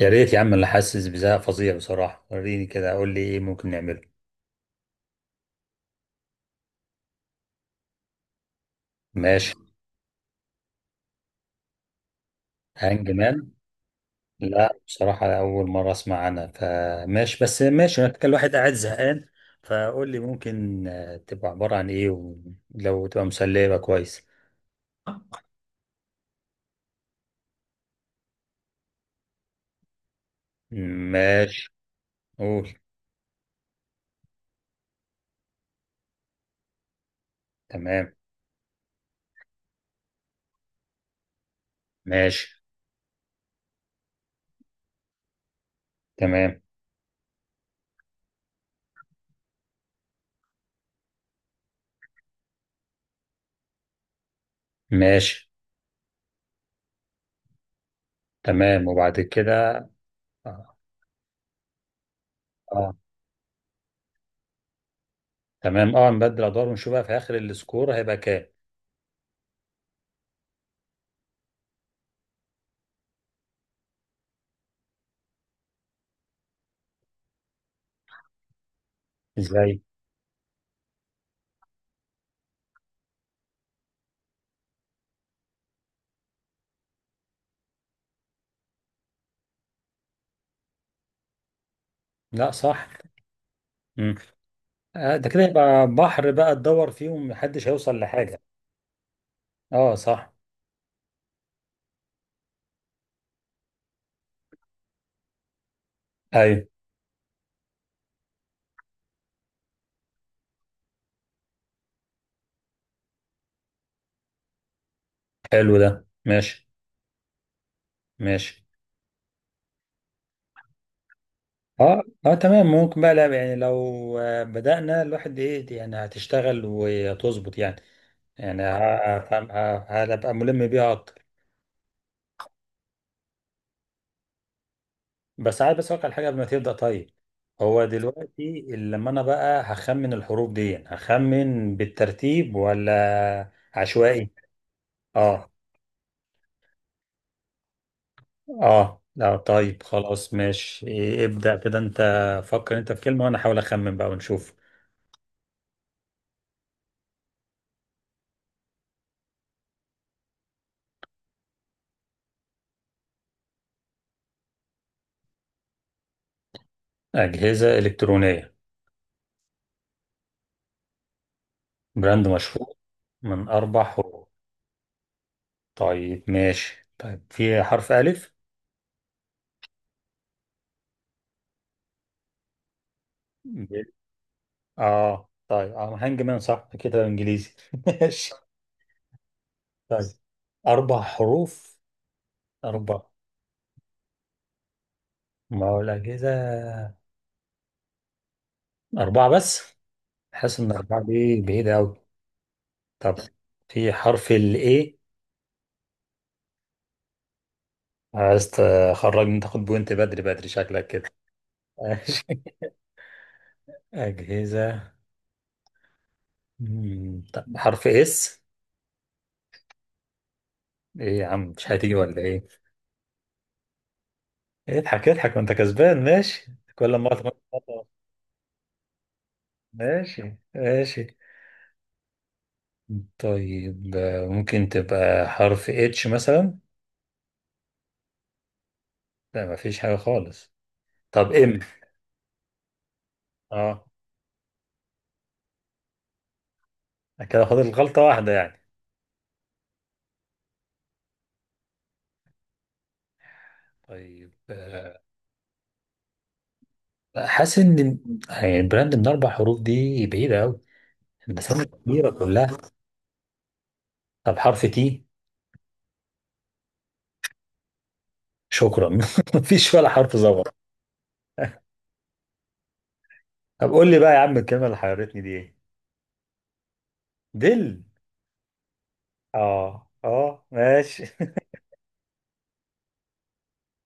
يا ريت يا عم، انا حاسس بزهق فظيع بصراحة. وريني كده، قول لي ايه ممكن نعمله. ماشي. هانج مان؟ لا بصراحة أول مرة أسمع عنها، فماشي. بس ماشي، أنا كان الواحد قاعد زهقان. فقول لي ممكن، تبقى عبارة عن إيه، ولو تبقى مسلية يبقى كويس. ماشي، قول. تمام. ماشي. تمام. ماشي. تمام وبعد كده. آه. آه، تمام، أه نبدل أدوار ونشوف بقى في آخر السكور هيبقى كام. إزاي؟ لا صح. ده كده يبقى بحر، بقى تدور فيهم محدش هيوصل لحاجة. اه صح. ايوه. حلو ده ماشي. ماشي. اه اه تمام. ممكن بقى، لا يعني لو بدأنا الواحد ايه، يعني هتشتغل وتظبط يعني. يعني هبقى ملم بيها اكتر. بس عايز بس اوقع على حاجة قبل ما تبدأ. طيب هو دلوقتي لما انا بقى هخمن الحروف دي، هخمن بالترتيب ولا عشوائي؟ اه. اه لا طيب خلاص، ماشي ابدأ كده انت. فكر انت في كلمة وانا احاول اخمن بقى ونشوف. أجهزة إلكترونية. براند مشهور. من أربع حروف. طيب ماشي، طيب في حرف ألف. ب- اه طيب اه، هانج مان صح كده انجليزي، ماشي. طيب أربع حروف. أربع. ما هو الأجهزة. أربعة بس. حاسس إن أربعة دي بعيدة أوي. طب في حرف ال A. عايز تخرجني تاخد بوينت بدري بدري، شكلك كده. ماشي. أجهزة. طب حرف اس. ايه يا عم، مش هتيجي ولا ايه؟ اضحك اضحك وانت كسبان، ماشي كل ما أقعد- ماشي ماشي. طيب ممكن تبقى حرف اتش مثلا. لا مفيش حاجة خالص. طب ام. اه كده فاضل غلطة واحدة يعني. طيب، حاسس ان يعني البراند من اربع حروف دي بعيدة قوي. الاسامي كبيرة كلها. طب حرف تي. شكرا. مفيش ولا حرف ظبط. طب قول لي بقى يا عم، الكلمة اللي حيرتني دي ايه؟ دل. اه اه ماشي.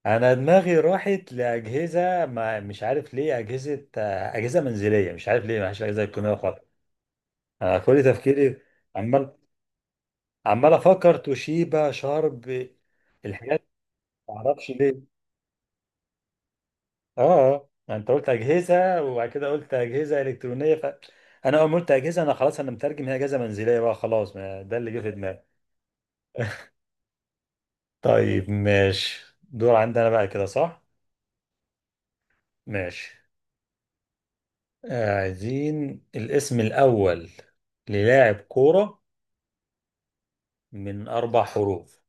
انا دماغي راحت لاجهزة، ما مش عارف ليه اجهزة، اجهزة منزلية، مش عارف ليه ما فيش اجهزة الكترونية خالص. انا كل تفكيري. عمال عمال افكر توشيبا شارب. الحاجات، ما اعرفش ليه. اه اه انت قلت اجهزة وبعد كده قلت اجهزة الكترونية، ف انا اول ما قلت اجهزة، انا خلاص انا مترجم هي اجهزة منزلية بقى، خلاص ما ده اللي جه في دماغي. طيب ماشي، دور عندنا بقى كده صح. ماشي. عايزين الاسم الأول للاعب كورة من أربع حروف.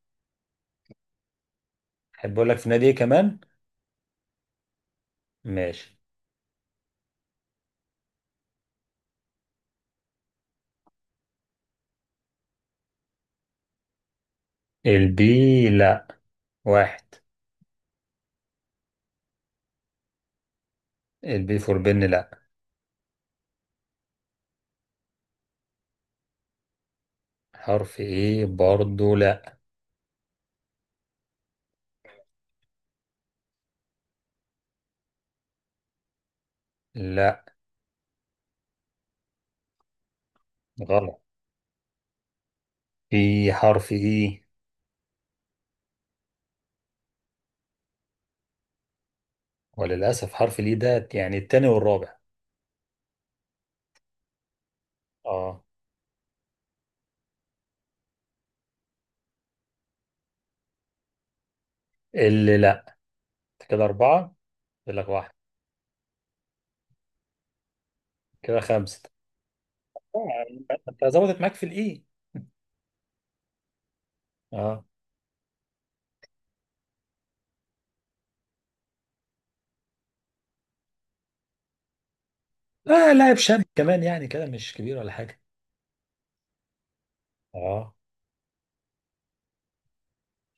أحب أقول لك في نادي إيه كمان. ماشي. البي لا. واحد. البي فور بن لا. حرف إيه برضو لا. لا غلط. في حرف إيه. وللأسف حرف الإيه ده يعني التاني والرابع. اه. اللي لا. كده أربعة، يقول لك واحد. كده خمسة. آه، أنت ظبطت معاك في الإيه. اه. لا، لاعب شاب كمان يعني كده مش كبير ولا حاجة. اه.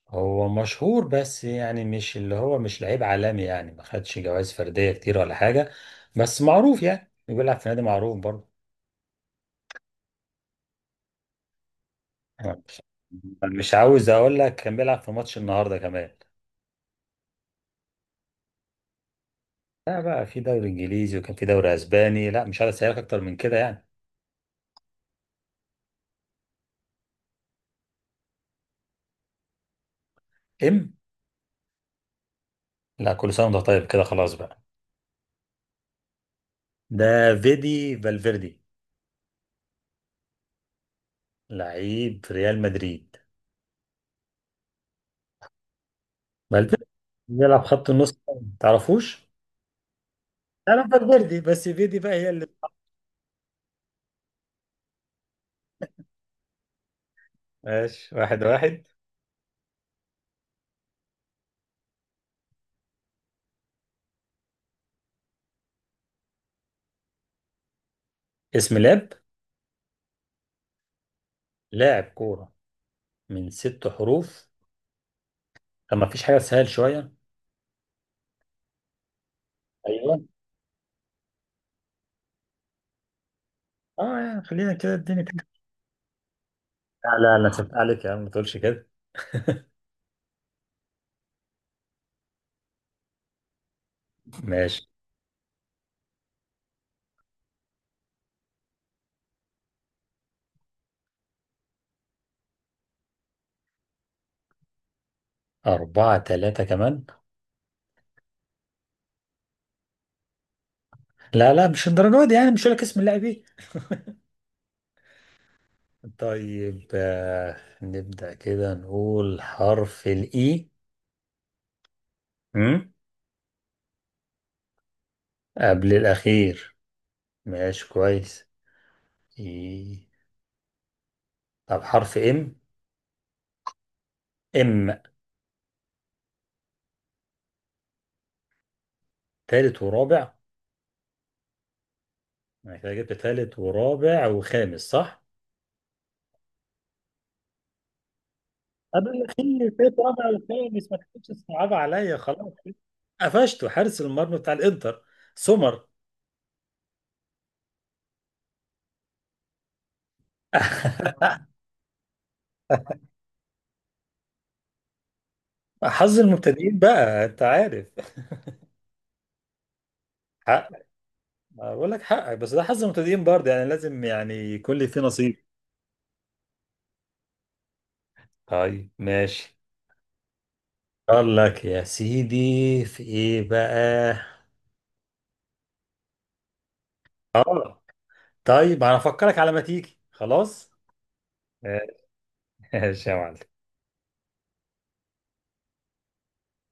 هو مشهور بس يعني مش اللي هو مش لعيب عالمي، يعني ما خدش جوائز فردية كتير ولا حاجة. بس معروف، يعني بيلعب في نادي معروف برضه. أنا مش عاوز اقول لك، كان بيلعب في ماتش النهارده كمان. لا بقى في دوري انجليزي وكان في دوري اسباني. لا مش عايز اسالك اكتر من كده يعني. ام. لا كل سنه وانت طيب كده خلاص بقى. ده فيدي فالفيردي، لعيب ريال مدريد. فالفيردي بيلعب خط النص. تعرفوش؟ انا فالفيردي بس فيدي بقى هي اللي. ماشي واحد واحد. اسم لاب. لاعب كورة من ست حروف. طب ما فيش حاجة سهل شوية؟ ايوه. اه يعني خلينا كده لا لا لا، سبت عليك يا عم ما تقولش كده. ماشي. 4-3 كمان. لا لا مش الدرجة دي، يعني مش هقول لك اسم اللاعب ايه. طيب آه. نبدأ كده نقول حرف الإي. أمم، قبل الأخير. ماشي كويس. إي. طب حرف إم. إم. تالت ورابع. انا كده جبت تالت ورابع وخامس صح؟ قبل الأخير، تالت رابع وخامس ما تكونش صعب عليا خلاص. قفشته، حارس المرمى بتاع الانتر. سمر. حظ المبتدئين بقى انت عارف. حق. بقول لك حقك، بس ده حظ المبتدئين برضه، يعني لازم يعني يكون لي فيه نصيب. طيب ماشي. قال لك يا سيدي في ايه بقى. اه طيب انا افكرك على ما تيجي خلاص. ماشي يا معلم.